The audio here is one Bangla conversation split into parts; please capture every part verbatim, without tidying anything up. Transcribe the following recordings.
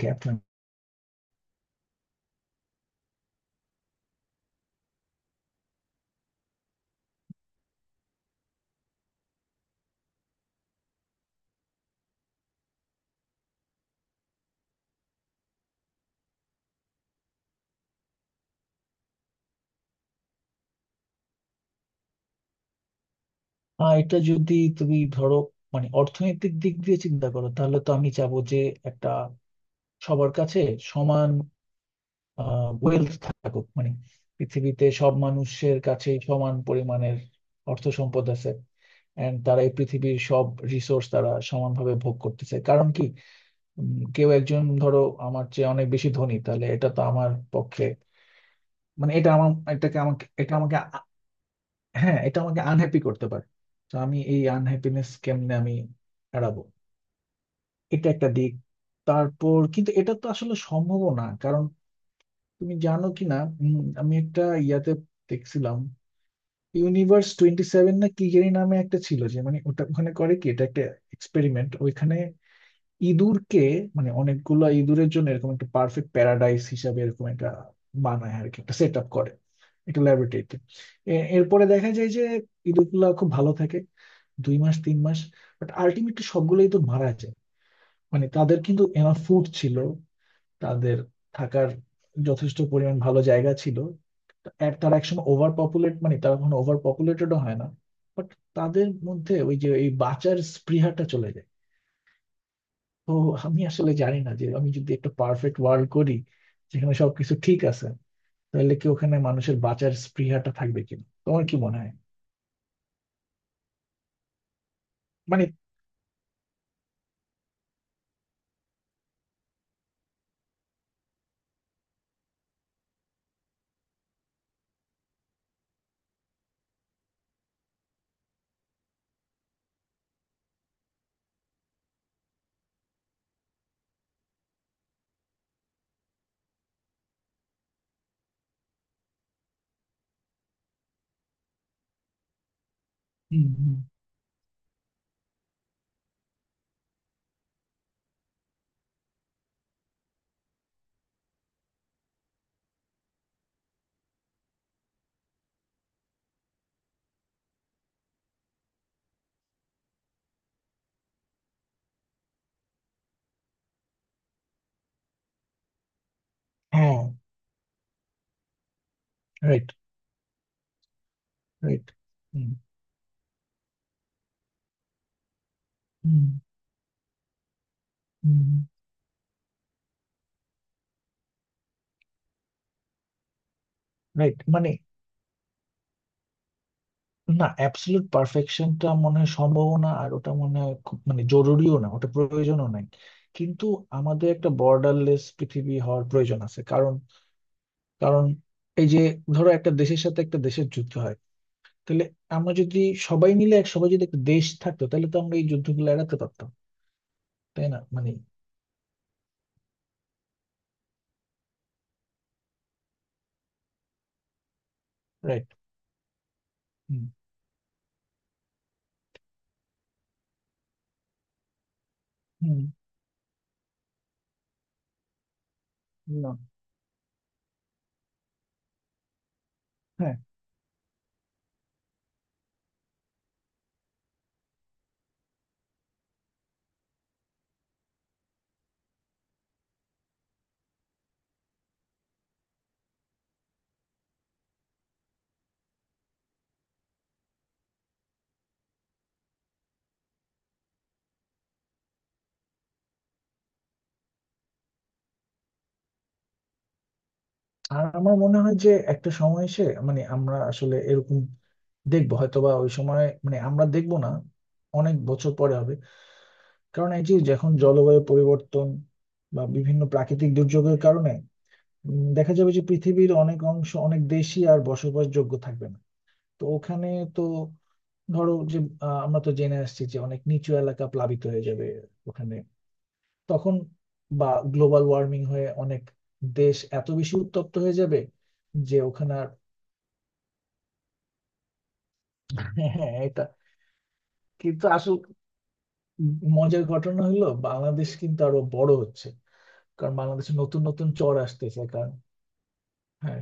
গ্যাপ। আর এটা যদি তুমি ধরো মানে অর্থনৈতিক দিক দিয়ে চিন্তা করো, তাহলে তো আমি চাবো যে একটা সবার কাছে সমান ওয়েলথ থাকুক, মানে পৃথিবীতে সব মানুষের কাছেই সমান পরিমাণের অর্থ সম্পদ আছে এন্ড তারা এই পৃথিবীর সব রিসোর্স তারা সমানভাবে ভোগ করতেছে। কারণ কি, উম, কেউ একজন ধরো আমার চেয়ে অনেক বেশি ধনী, তাহলে এটা তো আমার পক্ষে মানে এটা আমার এটাকে আমাকে এটা আমাকে হ্যাঁ, এটা আমাকে আনহ্যাপি করতে পারে। তো আমি এই আনহ্যাপিনেস কেমনে আমি এড়াবো, এটা একটা দিক। তারপর কিন্তু এটা তো আসলে সম্ভব না, কারণ তুমি জানো কি না, উম, আমি একটা ইয়াতে দেখছিলাম ইউনিভার্স টোয়েন্টি সেভেন না কি জানি নামে একটা ছিল, যে মানে ওটা ওখানে করে কি, এটা একটা এক্সপেরিমেন্ট। ওইখানে ইঁদুরকে মানে অনেকগুলা ইঁদুরের জন্য এরকম একটা পারফেক্ট প্যারাডাইস হিসাবে এরকম একটা বানায় আর কি, একটা সেট আপ করে একটা ল্যাবরেটরিতে। এরপরে দেখা যায় যে ইঁদুরগুলা খুব ভালো থাকে দুই মাস তিন মাস, বাট আলটিমেটলি সবগুলোই তো মারা যায়। মানে তাদের কিন্তু এনাফ ফুড ছিল, তাদের থাকার যথেষ্ট পরিমাণ ভালো জায়গা ছিল, এক তারা একসময় ওভার পপুলেট মানে তারা কখনো ওভার পপুলেটেডও হয় না, বাট তাদের মধ্যে ওই যে এই বাঁচার স্পৃহাটা চলে যায়। তো আমি আসলে জানি না যে আমি যদি একটা পারফেক্ট ওয়ার্ল্ড করি যেখানে সবকিছু ঠিক আছে, তাহলে কি ওখানে মানুষের বাঁচার স্পৃহাটা থাকবে কিনা, তোমার কি মনে হয়? মানে হুম, হুম, হ্যাঁ। Right, right. Hmm, hmm. Right, মানে না, অ্যাবসলিউট পারফেকশনটা মনে হয় সম্ভবও না, আর ওটা মনে হয় খুব মানে জরুরিও না, ওটা প্রয়োজনও নাই। কিন্তু আমাদের একটা বর্ডারলেস পৃথিবী হওয়ার প্রয়োজন আছে, কারণ কারণ এই যে ধরো একটা দেশের সাথে একটা দেশের যুদ্ধ হয়, তাহলে আমরা যদি সবাই মিলে এক সবাই যদি একটা দেশ থাকতো, তাহলে তো আমরা এই যুদ্ধগুলো এড়াতে পারতাম, তাই না? মানে রাইট। হুম, হুম। না, হ্যাঁ। আর আমার মনে হয় যে একটা সময় এসে মানে আমরা আসলে এরকম দেখবো, হয়তো বা ওই সময় মানে আমরা দেখবো না, অনেক বছর পরে হবে। কারণ এই যে যখন জলবায়ু পরিবর্তন বা বিভিন্ন প্রাকৃতিক দুর্যোগের কারণে উম, দেখা যাবে যে পৃথিবীর অনেক অংশ অনেক দেশই আর বসবাসযোগ্য থাকবে না। তো ওখানে তো ধরো যে আহ, আমরা তো জেনে আসছি যে অনেক নিচু এলাকা প্লাবিত হয়ে যাবে, ওখানে তখন বা গ্লোবাল ওয়ার্মিং হয়ে অনেক দেশ এত বেশি উত্তপ্ত হয়ে যাবে যে ওখানে। হ্যাঁ হ্যাঁ, এটা কিন্তু আসল মজার ঘটনা হলো বাংলাদেশ কিন্তু আরো বড় হচ্ছে, কারণ বাংলাদেশে নতুন নতুন চর আসতেছে কারণ হ্যাঁ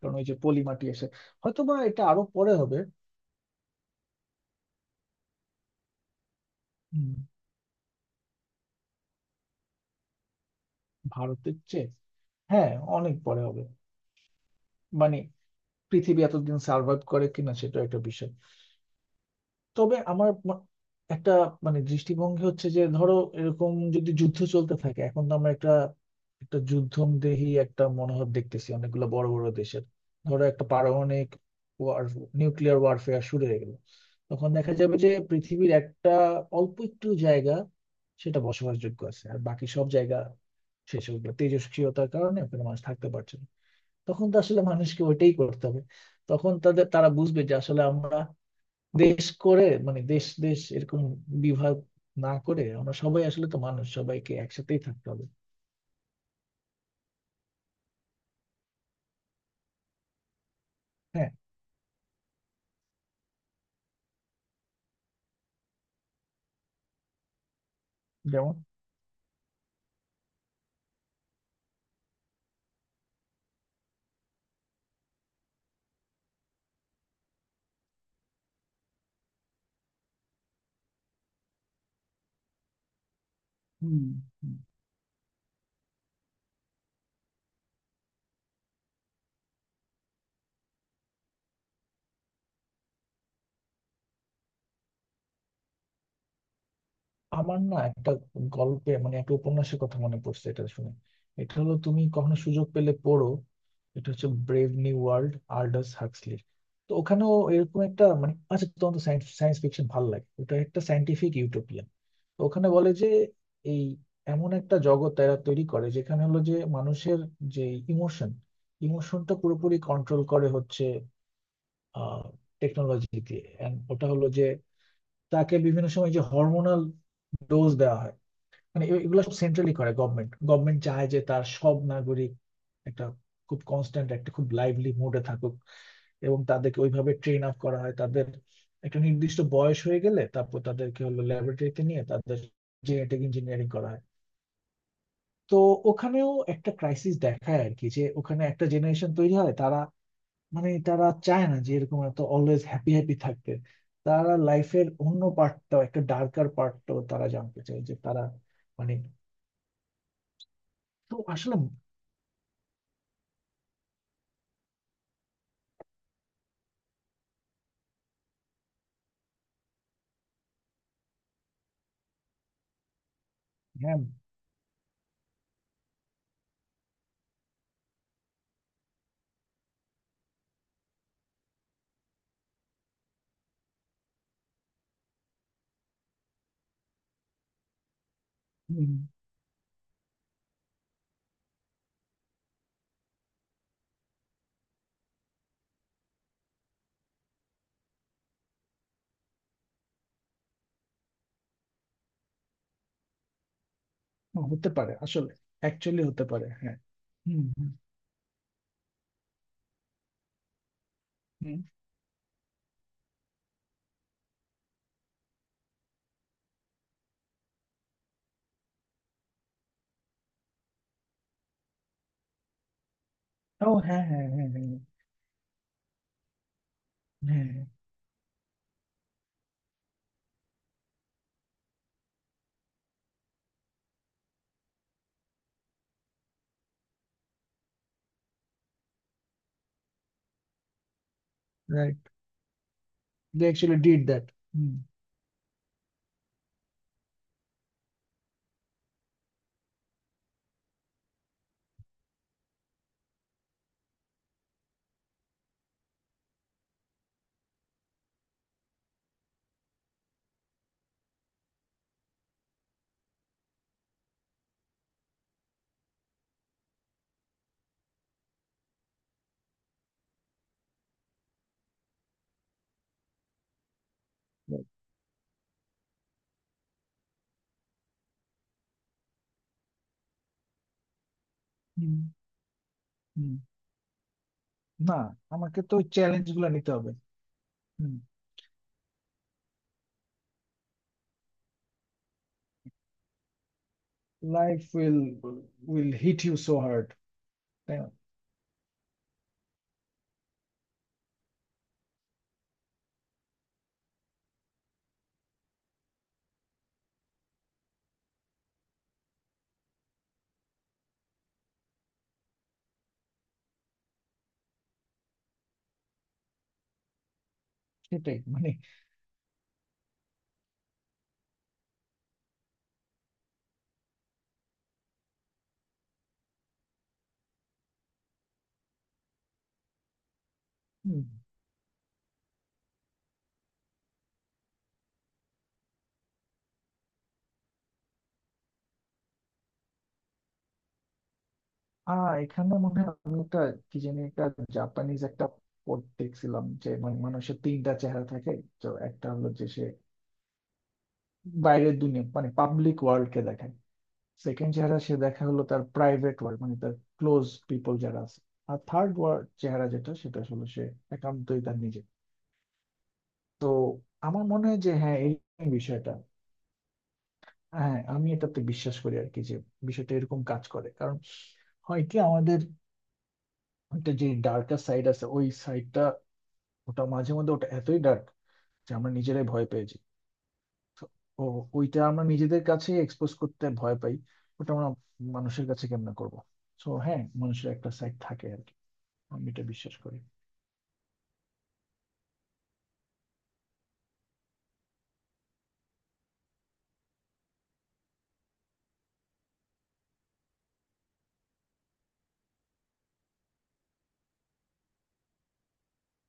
কারণ ওই যে পলি মাটি এসে, হয়তো বা এটা আরো পরে হবে। উম, ভারতের চেয়ে হ্যাঁ, অনেক পরে হবে মানে পৃথিবী এতদিন সার্ভাইভ করে কিনা সেটা একটা বিষয়। তবে আমার ম- একটা মানে দৃষ্টিভঙ্গি হচ্ছে যে ধরো এরকম যদি যুদ্ধ চলতে থাকে, এখন তো আমরা একটা একটা যুদ্ধমদেহী একটা মনোভাব দেখতেছি অনেকগুলো বড় বড় দেশের। ধরো একটা পারমাণবিক ওয়ার, নিউক্লিয়ার ওয়ারফেয়ার শুরু হয়ে গেল, তখন দেখা যাবে যে পৃথিবীর একটা অল্প একটু জায়গা সেটা বসবাসযোগ্য আছে আর বাকি সব জায়গা শেষ হয়ে গেল, তেজস্ক্রিয়তার কারণে ওখানে মানুষ থাকতে পারছে না। তখন তো আসলে মানুষকে ওইটাই করতে হবে, তখন তাদের তারা বুঝবে যে আসলে আমরা দেশ করে মানে দেশ দেশ এরকম বিভাগ না করে আমরা সবাই আসলে তো মানুষ, সবাইকে একসাথেই থাকতে হবে। হ্যাঁ, যেমন হুম। আমার না একটা গল্পে মানে একটা উপন্যাসের কথা মনে পড়ছে এটা শুনে। এটা হলো, তুমি কখনো সুযোগ পেলে পড়ো, এটা হচ্ছে ব্রেভ নিউ ওয়ার্ল্ড, আল্ডাস হাক্সলির। তো ওখানেও এরকম একটা মানে, আচ্ছা তোমার তো সায়েন্স ফিকশন ভালো লাগে, ওটা একটা সায়েন্টিফিক ইউটোপিয়ান। তো ওখানে বলে যে এই এমন একটা জগৎ এরা তৈরি করে যেখানে হলো যে মানুষের যে ইমোশন ইমোশনটা পুরোপুরি কন্ট্রোল করে হচ্ছে আহ টেকনোলজি দিয়ে। And ওটা হলো যে তাকে বিভিন্ন সময় যে হরমোনাল ডোজ দেওয়া হয় মানে এ- এগুলো সব সেন্ট্রালি করে গভর্নমেন্ট, গভর্নমেন্ট চায় যে তার সব নাগরিক একটা খুব কনস্ট্যান্ট একটা খুব লাইভলি মুডে থাকুক। এবং তাদেরকে ওইভাবে ট্রেন আপ করা হয়, তাদের একটা নির্দিষ্ট বয়স হয়ে গেলে তারপর তাদেরকে হলো ল্যাবরেটরিতে নিয়ে তাদের জেনেটিক ইঞ্জিনিয়ারিং করা হয়। তো ওখানেও একটা ক্রাইসিস দেখায় আর কি, যে ওখানে একটা জেনারেশন তৈরি হয় তারা মানে তারা চায় না যে এরকম এত অলওয়েজ হ্যাপি হ্যাপি থাকতে, তারা লাইফের অন্য পার্টটাও একটা ডার্কার পার্টটাও তারা জানতে চায় যে তারা মানে। তো আসলে হ্যাঁ, হুম, হতে পারে আসলে, অ্যাকচুয়ালি হতে পারে, হ্যাঁ। হুম, হুম, হুম। ও হ্যাঁ, হ্যাঁ, হ্যাঁ, হ্যাঁ, হ্যাঁ। Right, they actually did that. Hmm. Right. হুম, হুম। না, আমাকে তো চ্যালেঞ্জ গুলো নিতে হবে। হুম। Life will will hit you so hard. তাই না? সেটাই মানে হুম। আহ এখানে মনে হয় আমি একটা কি জানি একটা জাপানিজ একটা পদ দেখছিলাম যে মানে মানুষের তিনটা চেহারা থাকে। তো একটা হলো যে সে বাইরের দুনিয়া মানে পাবলিক ওয়ার্ল্ড কে দেখায়, সেকেন্ড চেহারা সে দেখা হলো তার প্রাইভেট ওয়ার্ল্ড মানে তার ক্লোজ পিপল যারা আছে, আর থার্ড ওয়ার্ল্ড চেহারা যেটা সেটা আসলে সে একান্তই তার নিজে। তো আমার মনে হয় যে হ্যাঁ এই বিষয়টা হ্যাঁ, আমি এটাতে বিশ্বাস করি আর কি, যে বিষয়টা এরকম কাজ করে। কারণ হয় কি আমাদের একটা যে ডার্কার সাইড আছে, ওই সাইডটা ওটা মাঝে মধ্যে ওটা এতই ডার্ক যে আমরা নিজেরাই ভয় পেয়ে যাই। তো ও ওইটা আমরা নিজেদের কাছে এক্সপোজ করতে ভয় পাই, ওটা আমরা মানুষের কাছে কেমনে করবো। তো হ্যাঁ, মানুষের একটা সাইড থাকে আর কি। আমি এটা বিশ্বাস করি।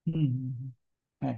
হুম, হুম, হুম, হ্যাঁ।